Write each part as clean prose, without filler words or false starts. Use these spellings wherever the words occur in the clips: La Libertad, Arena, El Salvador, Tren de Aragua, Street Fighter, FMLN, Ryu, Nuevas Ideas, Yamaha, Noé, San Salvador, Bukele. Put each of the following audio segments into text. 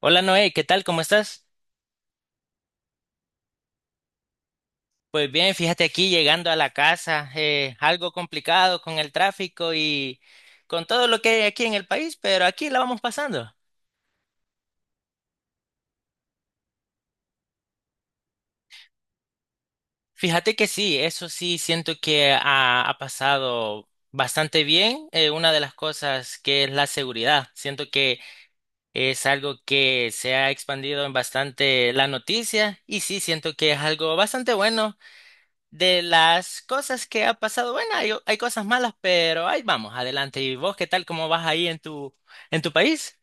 Hola Noé, ¿qué tal? ¿Cómo estás? Pues bien, fíjate aquí llegando a la casa, algo complicado con el tráfico y con todo lo que hay aquí en el país, pero aquí la vamos pasando. Fíjate que sí, eso sí, siento que ha pasado bastante bien. Una de las cosas que es la seguridad, siento que es algo que se ha expandido en bastante la noticia y sí, siento que es algo bastante bueno. De las cosas que ha pasado, bueno, hay cosas malas, pero ahí vamos, adelante. ¿Y vos qué tal? ¿Cómo vas ahí en tu país?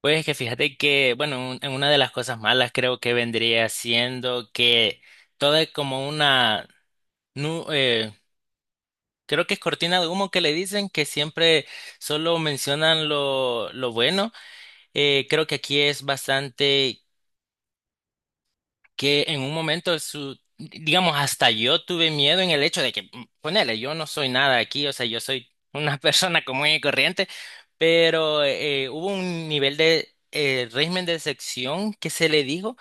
Pues que fíjate que, bueno, en una de las cosas malas creo que vendría siendo que todo es como nu- eh, creo que es cortina de humo que le dicen que siempre solo mencionan lo bueno. Creo que aquí es bastante que en un momento digamos, hasta yo tuve miedo en el hecho de que, ponele, yo no soy nada aquí, o sea, yo soy una persona común y corriente, pero hubo un nivel de régimen de sección que se le dijo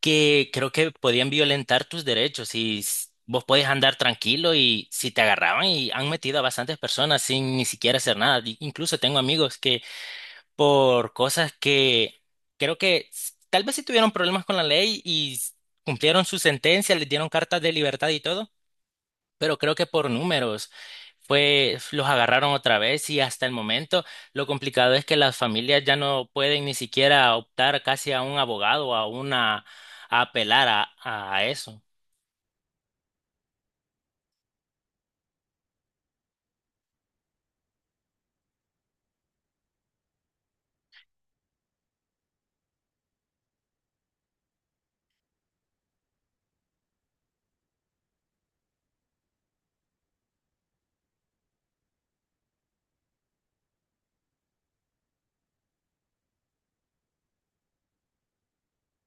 que creo que podían violentar tus derechos y vos podés andar tranquilo y si te agarraban y han metido a bastantes personas sin ni siquiera hacer nada. Incluso tengo amigos que por cosas que creo que tal vez sí tuvieron problemas con la ley y cumplieron su sentencia, les dieron cartas de libertad y todo, pero creo que por números fue, los agarraron otra vez y hasta el momento lo complicado es que las familias ya no pueden ni siquiera optar casi a un abogado, a a apelar a eso.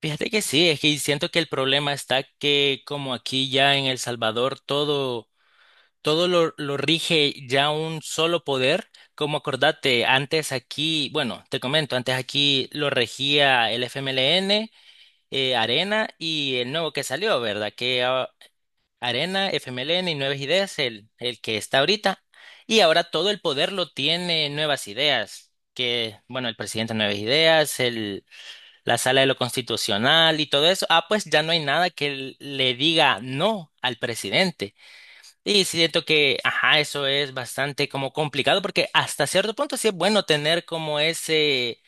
Fíjate que sí, es que siento que el problema está que como aquí ya en El Salvador todo lo rige ya un solo poder. Como acordate, antes aquí, bueno, te comento, antes aquí lo regía el FMLN, Arena y el nuevo que salió, ¿verdad? Arena, FMLN y Nuevas Ideas, el que está ahorita. Y ahora todo el poder lo tiene Nuevas Ideas. Que, bueno, el presidente de Nuevas Ideas, el, la sala de lo constitucional y todo eso, pues ya no hay nada que le diga no al presidente. Y siento que, ajá, eso es bastante como complicado porque hasta cierto punto sí es bueno tener como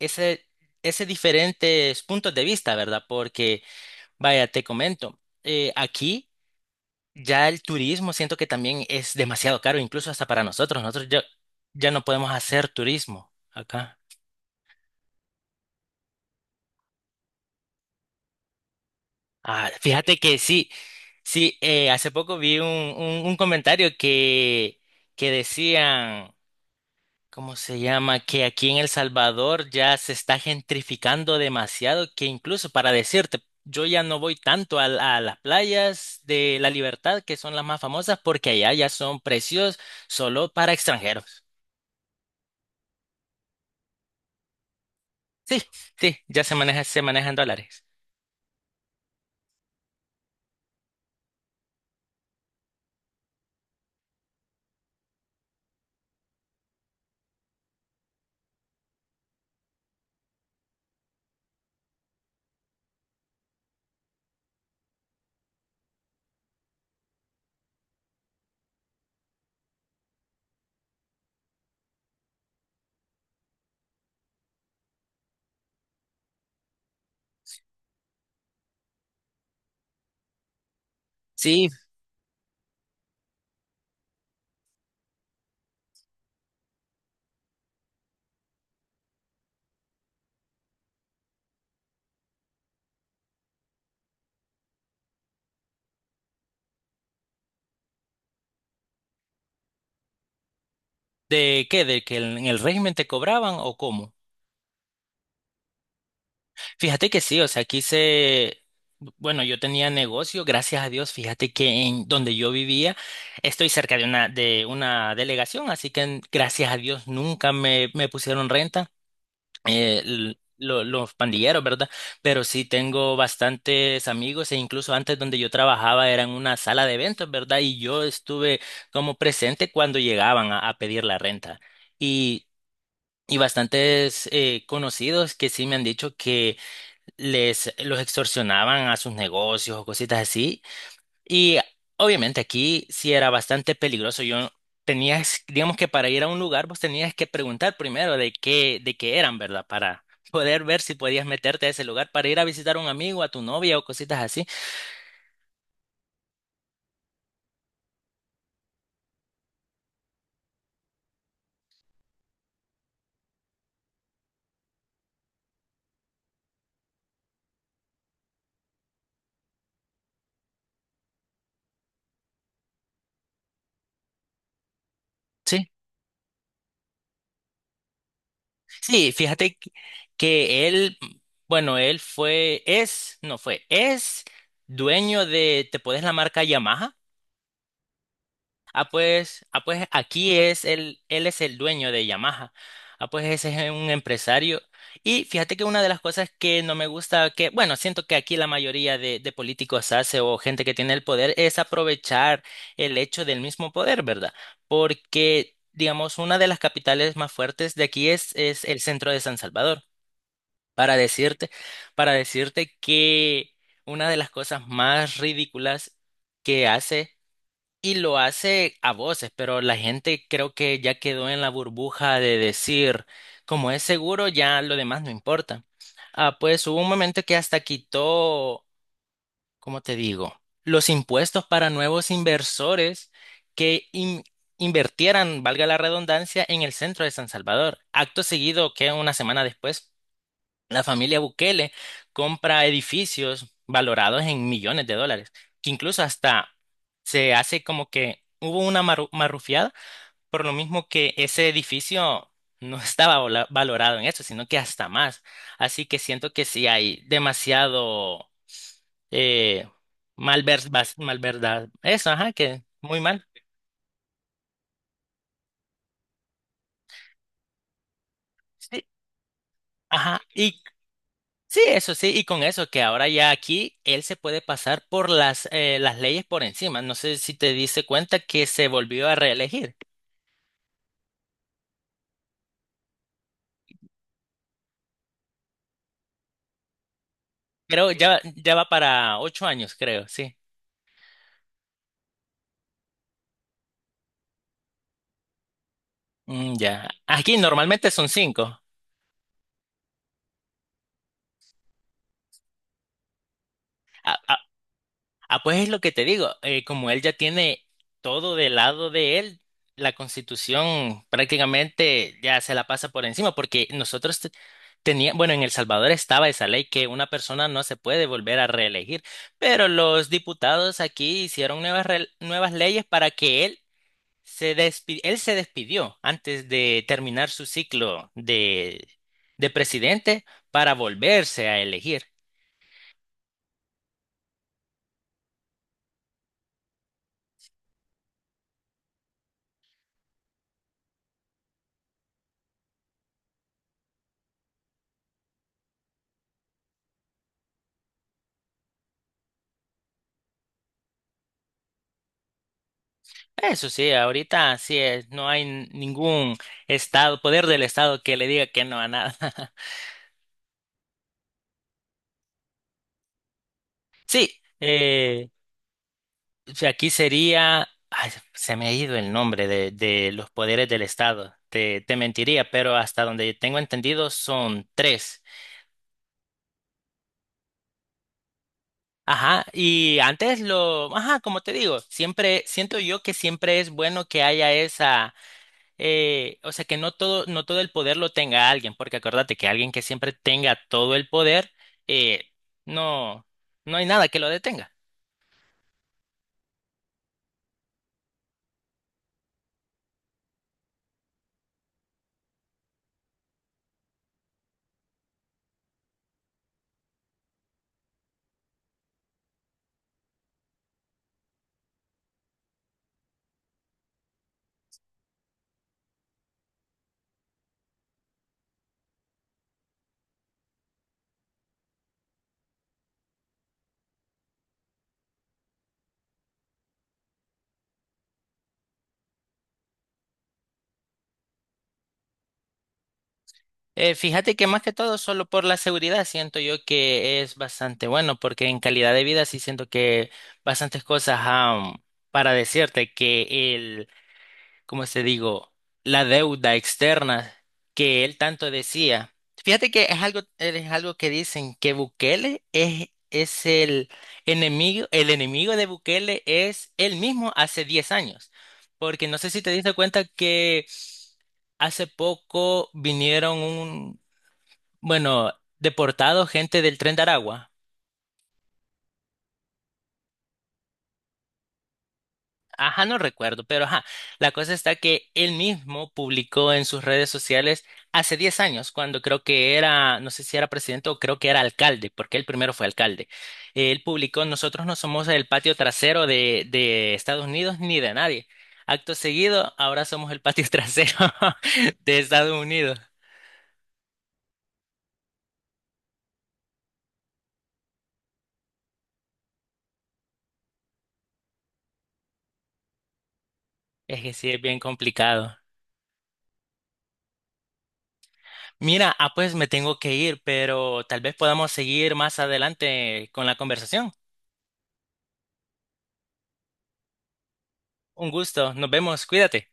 ese, ese diferentes puntos de vista, ¿verdad? Porque, vaya, te comento, aquí ya el turismo siento que también es demasiado caro, incluso hasta para nosotros. Ya no podemos hacer turismo acá. Ah, fíjate que sí, sí, hace poco vi un comentario que decían. ¿Cómo se llama? Que aquí en El Salvador ya se está gentrificando demasiado, que incluso para decirte, yo ya no voy tanto a, las playas de La Libertad, que son las más famosas, porque allá ya son precios solo para extranjeros. Sí, sí, ya se maneja, se manejan dólares. Sí, ¿de qué? ¿De que en el régimen te cobraban o cómo? Fíjate que sí, o sea, bueno, yo tenía negocio, gracias a Dios, fíjate que en donde yo vivía estoy cerca de de una delegación, así que gracias a Dios nunca me pusieron renta, los pandilleros, ¿verdad? Pero sí tengo bastantes amigos e incluso antes donde yo trabajaba era en una sala de eventos, ¿verdad? Y yo estuve como presente cuando llegaban a pedir la renta. Y, y bastantes conocidos que sí me han dicho que les los extorsionaban a sus negocios o cositas así. Y obviamente aquí sí era bastante peligroso. Yo tenías, digamos que para ir a un lugar vos tenías que preguntar primero de qué eran, ¿verdad? Para poder ver si podías meterte a ese lugar para ir a visitar a un amigo, a tu novia o cositas así. Sí, sí, fíjate que que él, bueno, él fue, es, no fue, es dueño de, ¿te podés la marca Yamaha? Ah, pues aquí él es el dueño de Yamaha. Ah, pues ese es un empresario. Y fíjate que una de las cosas que no me gusta, que, bueno, siento que aquí la mayoría de políticos hace o gente que tiene el poder es aprovechar el hecho del mismo poder, ¿verdad? Porque, digamos, una de las capitales más fuertes de aquí es el centro de San Salvador. Para decirte, para decirte que una de las cosas más ridículas que hace y lo hace a voces, pero la gente creo que ya quedó en la burbuja de decir, como es seguro, ya lo demás no importa. Ah, pues hubo un momento que hasta quitó, ¿cómo te digo? Los impuestos para nuevos inversores que invertieran, valga la redundancia, en el centro de San Salvador. Acto seguido, que una semana después la familia Bukele compra edificios valorados en millones de dólares, que incluso hasta se hace como que hubo una marrufiada, por lo mismo que ese edificio no estaba valorado en eso, sino que hasta más. Así que siento que sí hay demasiado eh, malverdad. Eso, ajá, que muy mal. Sí, ajá. Y sí, eso sí, y con eso que ahora ya aquí él se puede pasar por las leyes por encima. No sé si te diste cuenta que se volvió a reelegir. Creo ya va para 8 años, creo, sí. Mm, ya. Aquí normalmente son 5. Ah, pues es lo que te digo, como él ya tiene todo del lado de él, la Constitución prácticamente ya se la pasa por encima, porque nosotros teníamos, bueno, en El Salvador estaba esa ley que una persona no se puede volver a reelegir, pero los diputados aquí hicieron nuevas leyes para que él se despidió antes de terminar su ciclo de presidente para volverse a elegir. Eso sí, ahorita sí, es, no hay ningún estado, poder del estado que le diga que no a nada. Sí, o sea, aquí sería, ay, se me ha ido el nombre de los poderes del estado, te mentiría, pero hasta donde tengo entendido son tres. Ajá, y antes lo, ajá, como te digo, siempre siento yo que siempre es bueno que haya esa o sea, que no todo el poder lo tenga alguien, porque acuérdate que alguien que siempre tenga todo el poder, eh, no, no hay nada que lo detenga. Fíjate que más que todo, solo por la seguridad, siento yo que es bastante bueno, porque en calidad de vida sí siento que bastantes cosas, para decirte que como te digo, la deuda externa que él tanto decía. Fíjate que es algo que dicen que Bukele es el enemigo de Bukele es él mismo hace 10 años. Porque no sé si te diste cuenta que hace poco vinieron bueno, deportados gente del Tren de Aragua. Ajá, no recuerdo, pero ajá, la cosa está que él mismo publicó en sus redes sociales hace 10 años, cuando creo que era, no sé si era presidente o creo que era alcalde, porque él primero fue alcalde. Él publicó, nosotros no somos el patio trasero de Estados Unidos ni de nadie. Acto seguido, ahora somos el patio trasero de Estados Unidos. Es que sí, es bien complicado. Mira, pues me tengo que ir, pero tal vez podamos seguir más adelante con la conversación. Un gusto, nos vemos, cuídate.